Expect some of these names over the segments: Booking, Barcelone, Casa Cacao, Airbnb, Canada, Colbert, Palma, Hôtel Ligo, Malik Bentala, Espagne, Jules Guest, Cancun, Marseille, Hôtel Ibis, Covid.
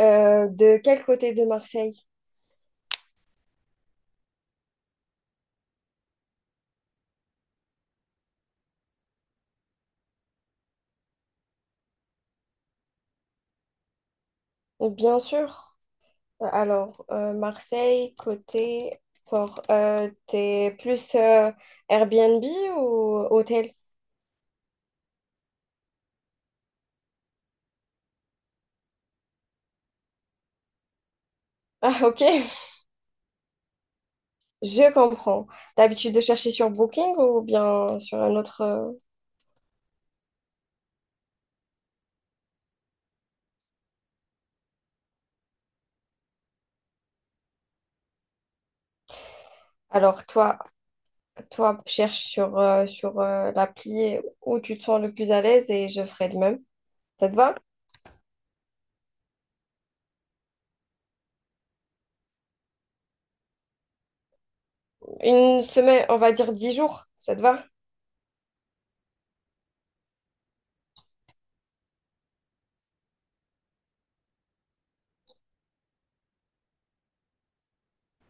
De quel côté de Marseille? Bien sûr. Alors, Marseille, côté port. T'es plus Airbnb ou hôtel? Ah, ok, je comprends. T'as l'habitude de chercher sur Booking ou bien sur un autre? Alors, toi, cherche sur l'appli où tu te sens le plus à l'aise et je ferai de même. Ça te va? Une semaine, on va dire 10 jours. Ça te va?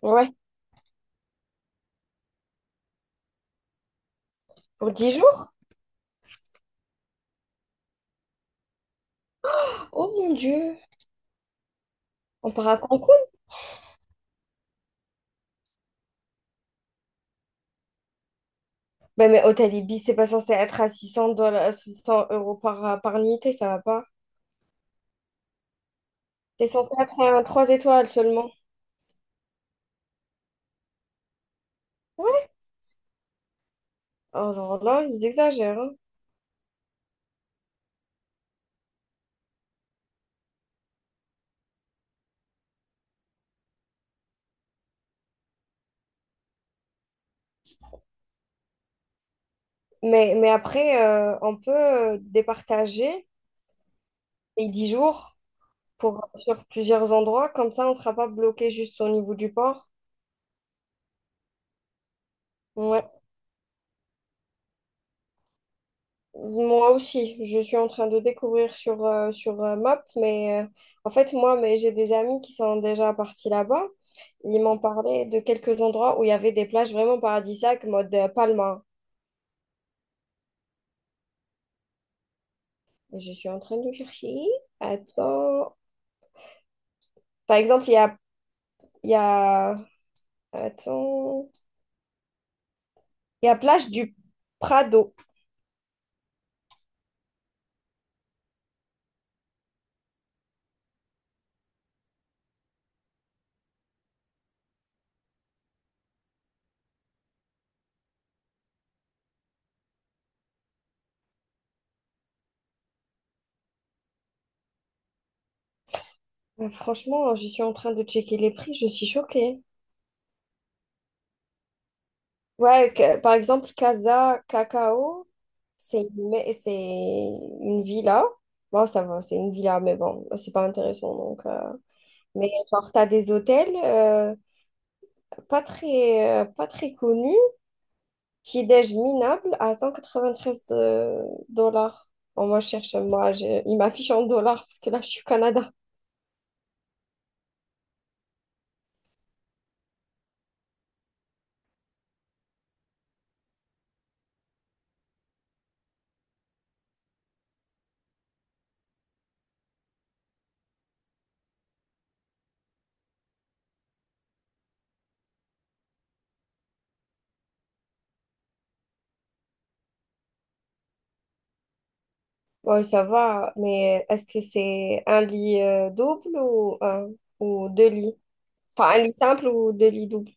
Ouais, pour 10 jours? Oh mon Dieu, on part à Cancun? Ben, mais Hôtel Ibis, c'est pas censé être à 600 dollars, 600 € par nuitée, ça va pas. C'est censé être à 3 étoiles seulement. Ouais. Alors là, ils exagèrent, hein. Mais après, on peut départager les 10 jours sur plusieurs endroits. Comme ça, on ne sera pas bloqué juste au niveau du port. Ouais. Moi aussi, je suis en train de découvrir sur Map, mais en fait, moi, mais j'ai des amis qui sont déjà partis là-bas. Ils m'ont parlé de quelques endroits où il y avait des plages vraiment paradisiaques, mode Palma. Et je suis en train de chercher. Attends. Par exemple, il y a... Attends. Il y a plage du Prado. Franchement, je suis en train de checker les prix, je suis choquée. Ouais, par exemple, Casa Cacao, c'est une villa. Bon, ça va, c'est une villa, mais bon, c'est pas intéressant. Donc. Mais genre, t'as des hôtels pas très connus, petit-déj minable à 193 dollars. Bon, moi, je cherche, moi, il m'affiche en dollars parce que là, je suis au Canada. Ouais, ça va, mais est-ce que c'est un lit double ou deux lits? Enfin, un lit simple ou deux lits doubles?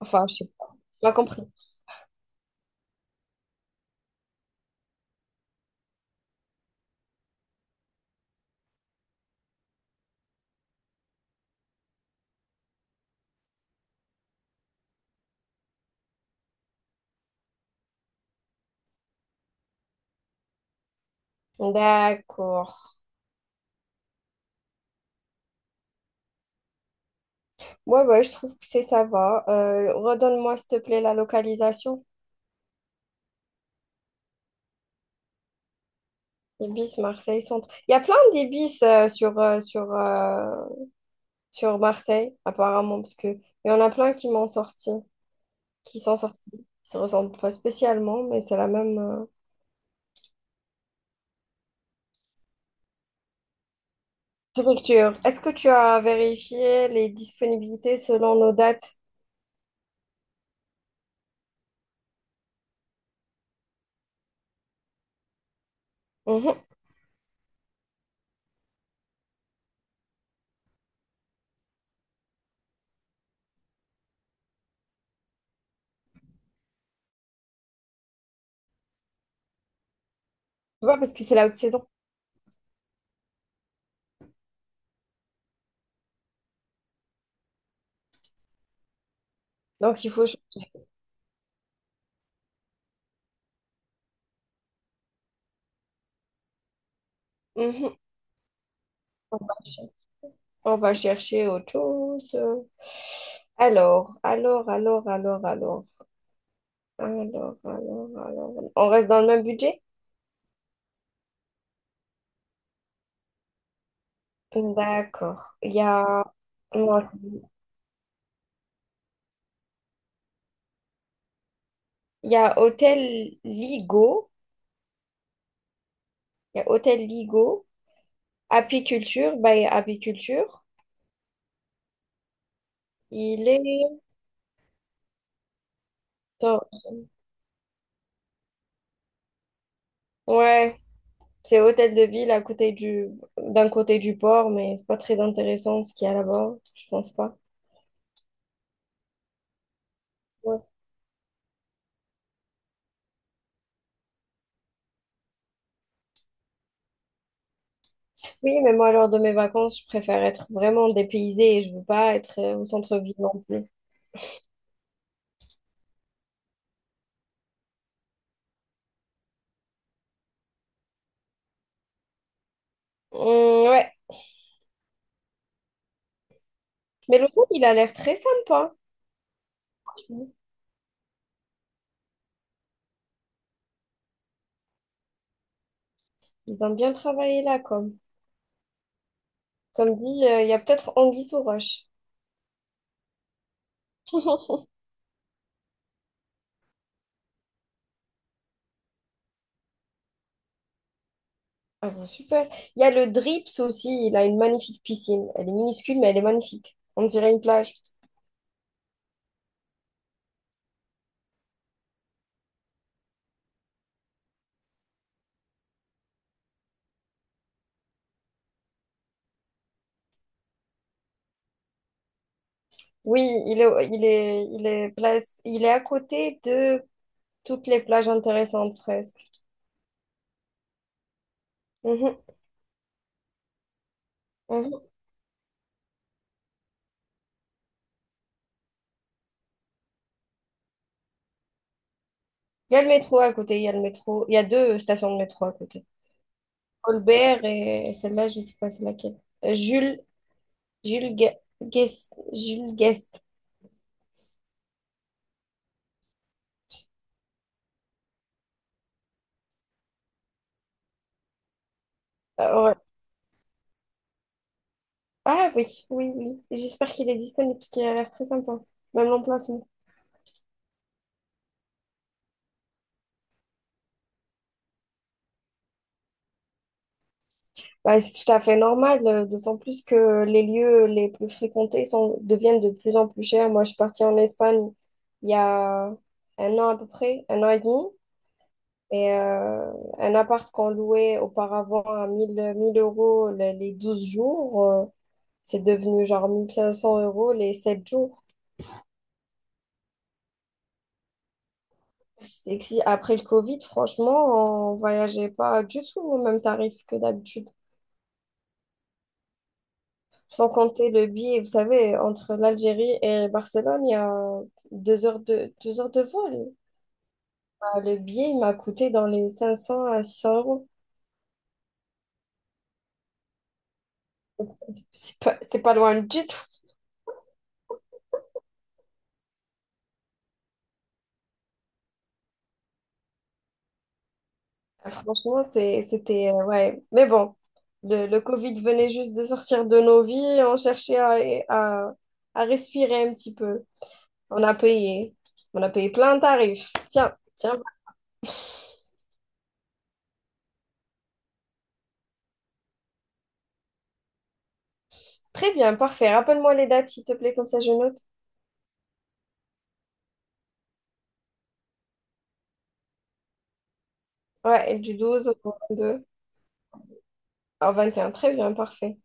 Enfin, je sais pas. Tu m'as compris. D'accord. Ouais, ouais, je trouve que c'est ça va. Redonne-moi, s'il te plaît, la localisation. Ibis, Marseille, centre. Il y a plein d'Ibis sur Marseille, apparemment, parce que il y en a plein qui m'ont sorti, qui sont sortis. Ils se ressemblent pas spécialement, mais c'est la même préfecture. Est-ce que tu as vérifié les disponibilités selon nos dates? Mhm. Tu vois, parce que c'est la haute saison. Donc, il faut... Mhm. On va chercher autre chose. Alors, alors. Alors, alors. On reste dans le même budget? D'accord. Il y a, non, il y a Hôtel Ligo. Il y a Hôtel Ligo. Apiculture, bah apiculture. Il est. Attends, ouais, c'est hôtel de ville à côté du d'un côté du port, mais c'est pas très intéressant ce qu'il y a là-bas, je pense pas. Oui, mais moi, lors de mes vacances, je préfère être vraiment dépaysée et je veux pas être au centre-ville non plus. Ouais, mais l'hôtel, il a l'air très sympa. Ils ont bien travaillé là, comme. Comme dit, il y a peut-être anguille sous roche. Ah bon, super. Il y a le Drips aussi, il a une magnifique piscine. Elle est minuscule, mais elle est magnifique. On dirait une plage. Oui, il est à côté de toutes les plages intéressantes presque. Mhm, mhm. Il y a le métro à côté, il y a le métro. Il y a deux stations de métro à côté. Colbert et celle-là, je sais pas c'est laquelle. Euh, Jules, Jules Guest. Ouais. Ah oui, oui, oui. J'espère qu'il est disponible parce qu'il a l'air très sympa, même l'emplacement. Bah, c'est tout à fait normal, d'autant plus que les lieux les plus fréquentés deviennent de plus en plus chers. Moi, je suis partie en Espagne il y a un an à peu près, un an et demi. Et un appart qu'on louait auparavant à mille euros les 12 jours, c'est devenu genre 1 500 € les 7 jours. C'est que si après le Covid, franchement, on voyageait pas du tout au même tarif que d'habitude. Sans compter le billet, vous savez, entre l'Algérie et Barcelone, il y a deux heures de vol. Bah, le billet, il m'a coûté dans les 500 à 600 euros. C'est pas loin du tout. Franchement, c'était, ouais. Mais bon, le Covid venait juste de sortir de nos vies. On cherchait à à respirer un petit peu. On a payé. On a payé plein de tarifs. Tiens, tiens. Très bien, parfait. Rappelle-moi les dates, s'il te plaît, comme ça je note. Ouais, et du 12 au 22. Au 21. Très bien, parfait.